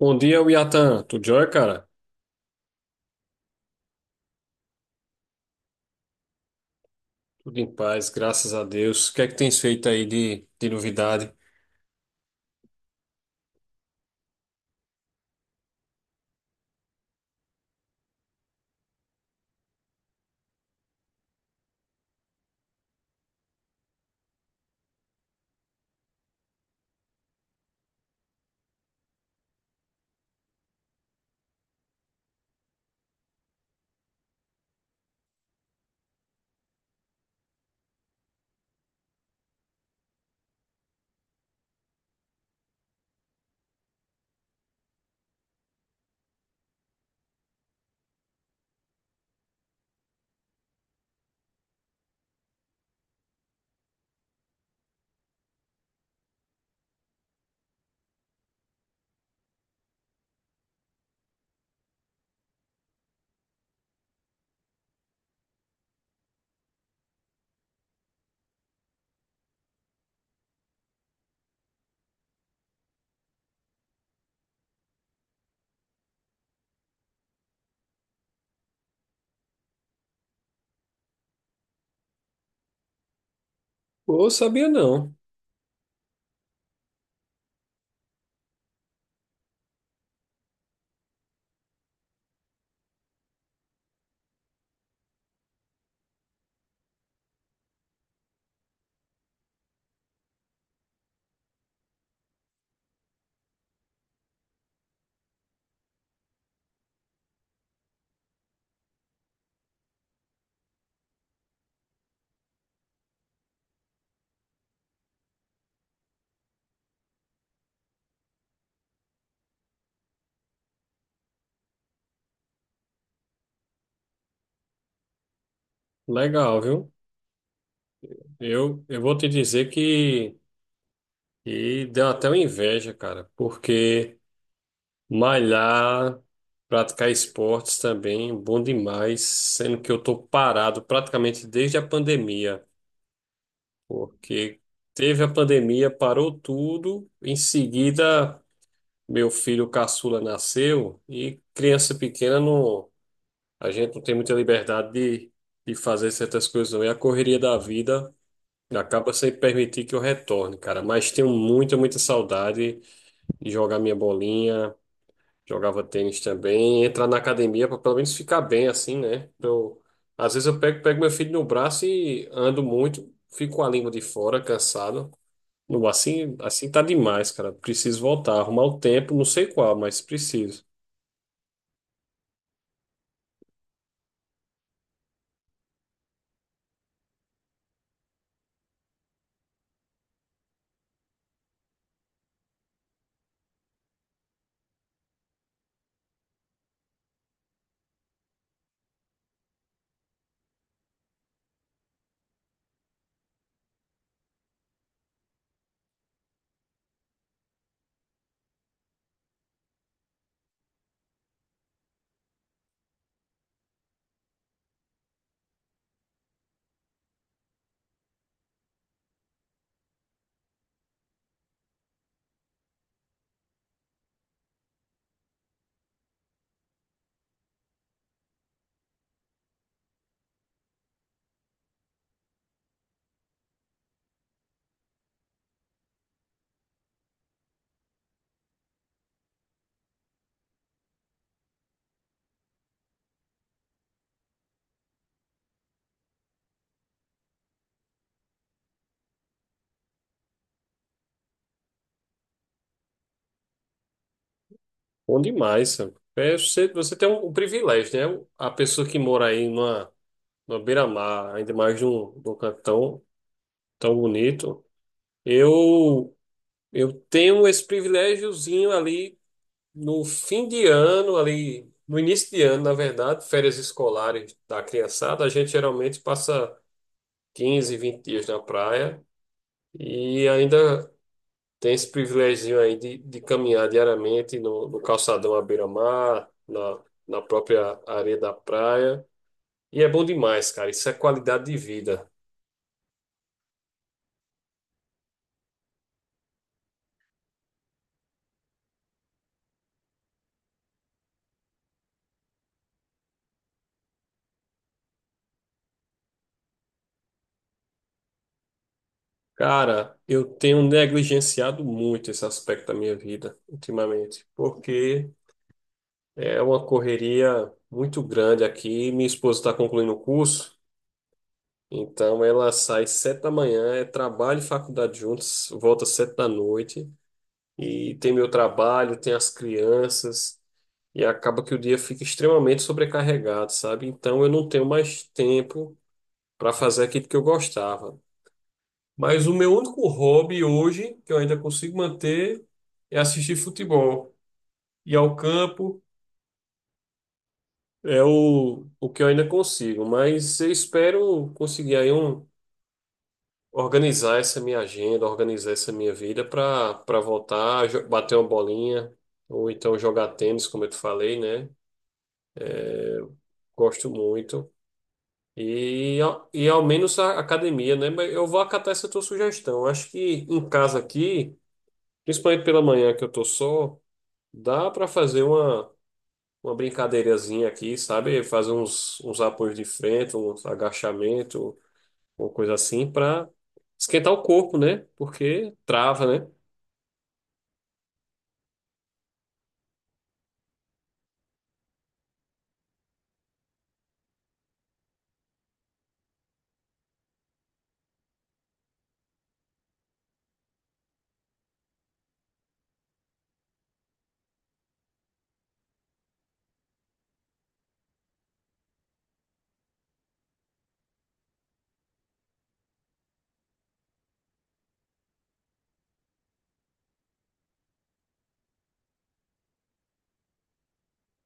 Bom dia, Yatan. Tudo jóia, cara? Tudo em paz, graças a Deus. O que é que tens feito aí de novidade? Pô, sabia não. Legal, viu? Eu vou te dizer que deu até uma inveja, cara, porque malhar, praticar esportes também, bom demais, sendo que eu tô parado praticamente desde a pandemia, porque teve a pandemia, parou tudo, em seguida. Meu filho caçula nasceu e criança pequena não, a gente não tem muita liberdade de fazer certas coisas não. E a correria da vida acaba sem permitir que eu retorne, cara. Mas tenho muita, muita saudade de jogar minha bolinha, jogava tênis também, entrar na academia para pelo menos ficar bem assim, né? Eu, às vezes eu pego, pego meu filho no braço e ando muito, fico com a língua de fora, cansado. Não, assim, assim tá demais, cara. Preciso voltar, arrumar o tempo, não sei qual, mas preciso. Bom demais, Sam. É, você tem um privilégio, né? A pessoa que mora aí numa beira-mar, ainda mais num canto tão bonito. Eu, eu tenho esse privilégiozinho ali no fim de ano, ali no início de ano, na verdade, férias escolares da criançada. A gente geralmente passa 15, 20 dias na praia e ainda tem esse privilegio aí de caminhar diariamente no calçadão à beira-mar, na própria areia da praia. E é bom demais, cara. Isso é qualidade de vida. Cara, eu tenho negligenciado muito esse aspecto da minha vida ultimamente, porque é uma correria muito grande aqui. Minha esposa está concluindo o curso, então ela sai 7 da manhã, é trabalho e faculdade juntos, volta 7 da noite. E tem meu trabalho, tem as crianças, e acaba que o dia fica extremamente sobrecarregado, sabe? Então eu não tenho mais tempo para fazer aquilo que eu gostava. Mas o meu único hobby hoje, que eu ainda consigo manter, é assistir futebol. Ir ao campo é o que eu ainda consigo, mas eu espero conseguir aí um. Organizar essa minha agenda, organizar essa minha vida para voltar, bater uma bolinha, ou então jogar tênis, como eu te falei, né? Gosto muito. E, e ao menos a academia, né? Mas eu vou acatar essa tua sugestão. Acho que em casa aqui, principalmente pela manhã que eu tô só, dá para fazer uma brincadeirazinha aqui, sabe? Fazer uns, uns apoios de frente, uns agachamento, uma coisa assim, para esquentar o corpo, né? Porque trava, né?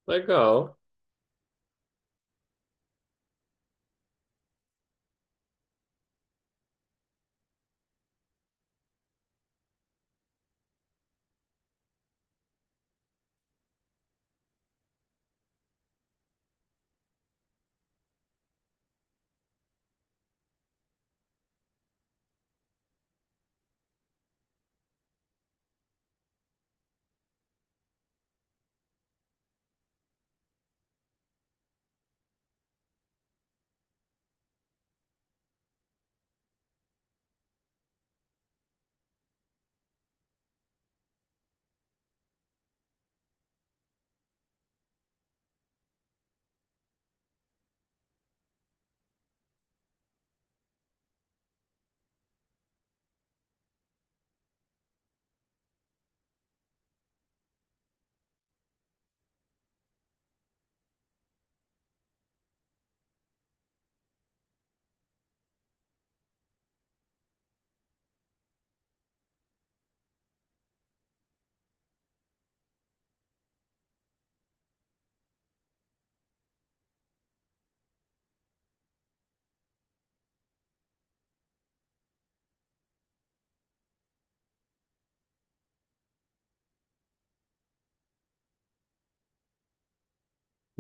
Legal.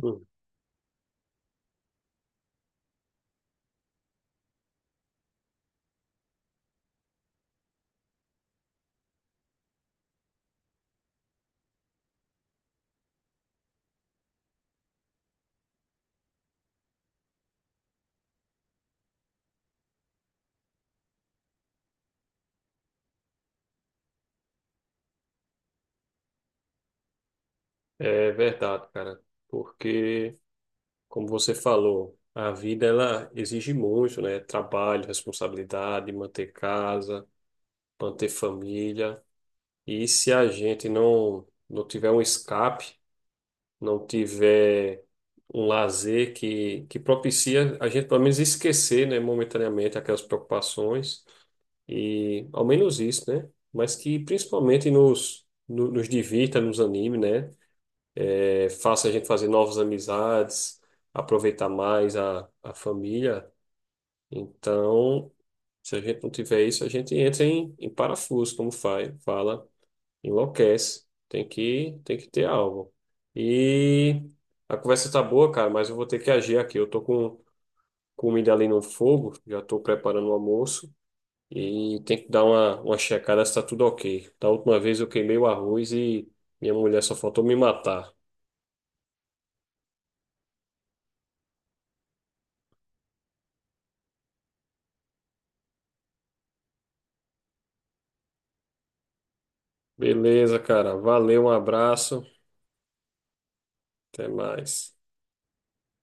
Hum. É verdade, cara. Porque como você falou, a vida ela exige muito, né? Trabalho, responsabilidade, manter casa, manter família. E se a gente não tiver um escape, não tiver um lazer que propicia a gente pelo menos esquecer, né, momentaneamente aquelas preocupações e ao menos isso, né? Mas que principalmente nos no- nos divirta, nos anime, né? É, faça a gente fazer novas amizades, aproveitar mais a família. Então, se a gente não tiver isso, a gente entra em parafuso, como faz, fala, enlouquece. Tem que ter algo. E a conversa tá boa, cara, mas eu vou ter que agir aqui. Eu tô com comida ali no fogo, já tô preparando o almoço e tem que dar uma checada se tá tudo ok. Da última vez eu queimei o arroz e minha mulher só faltou me matar. Beleza, cara. Valeu, um abraço. Até mais.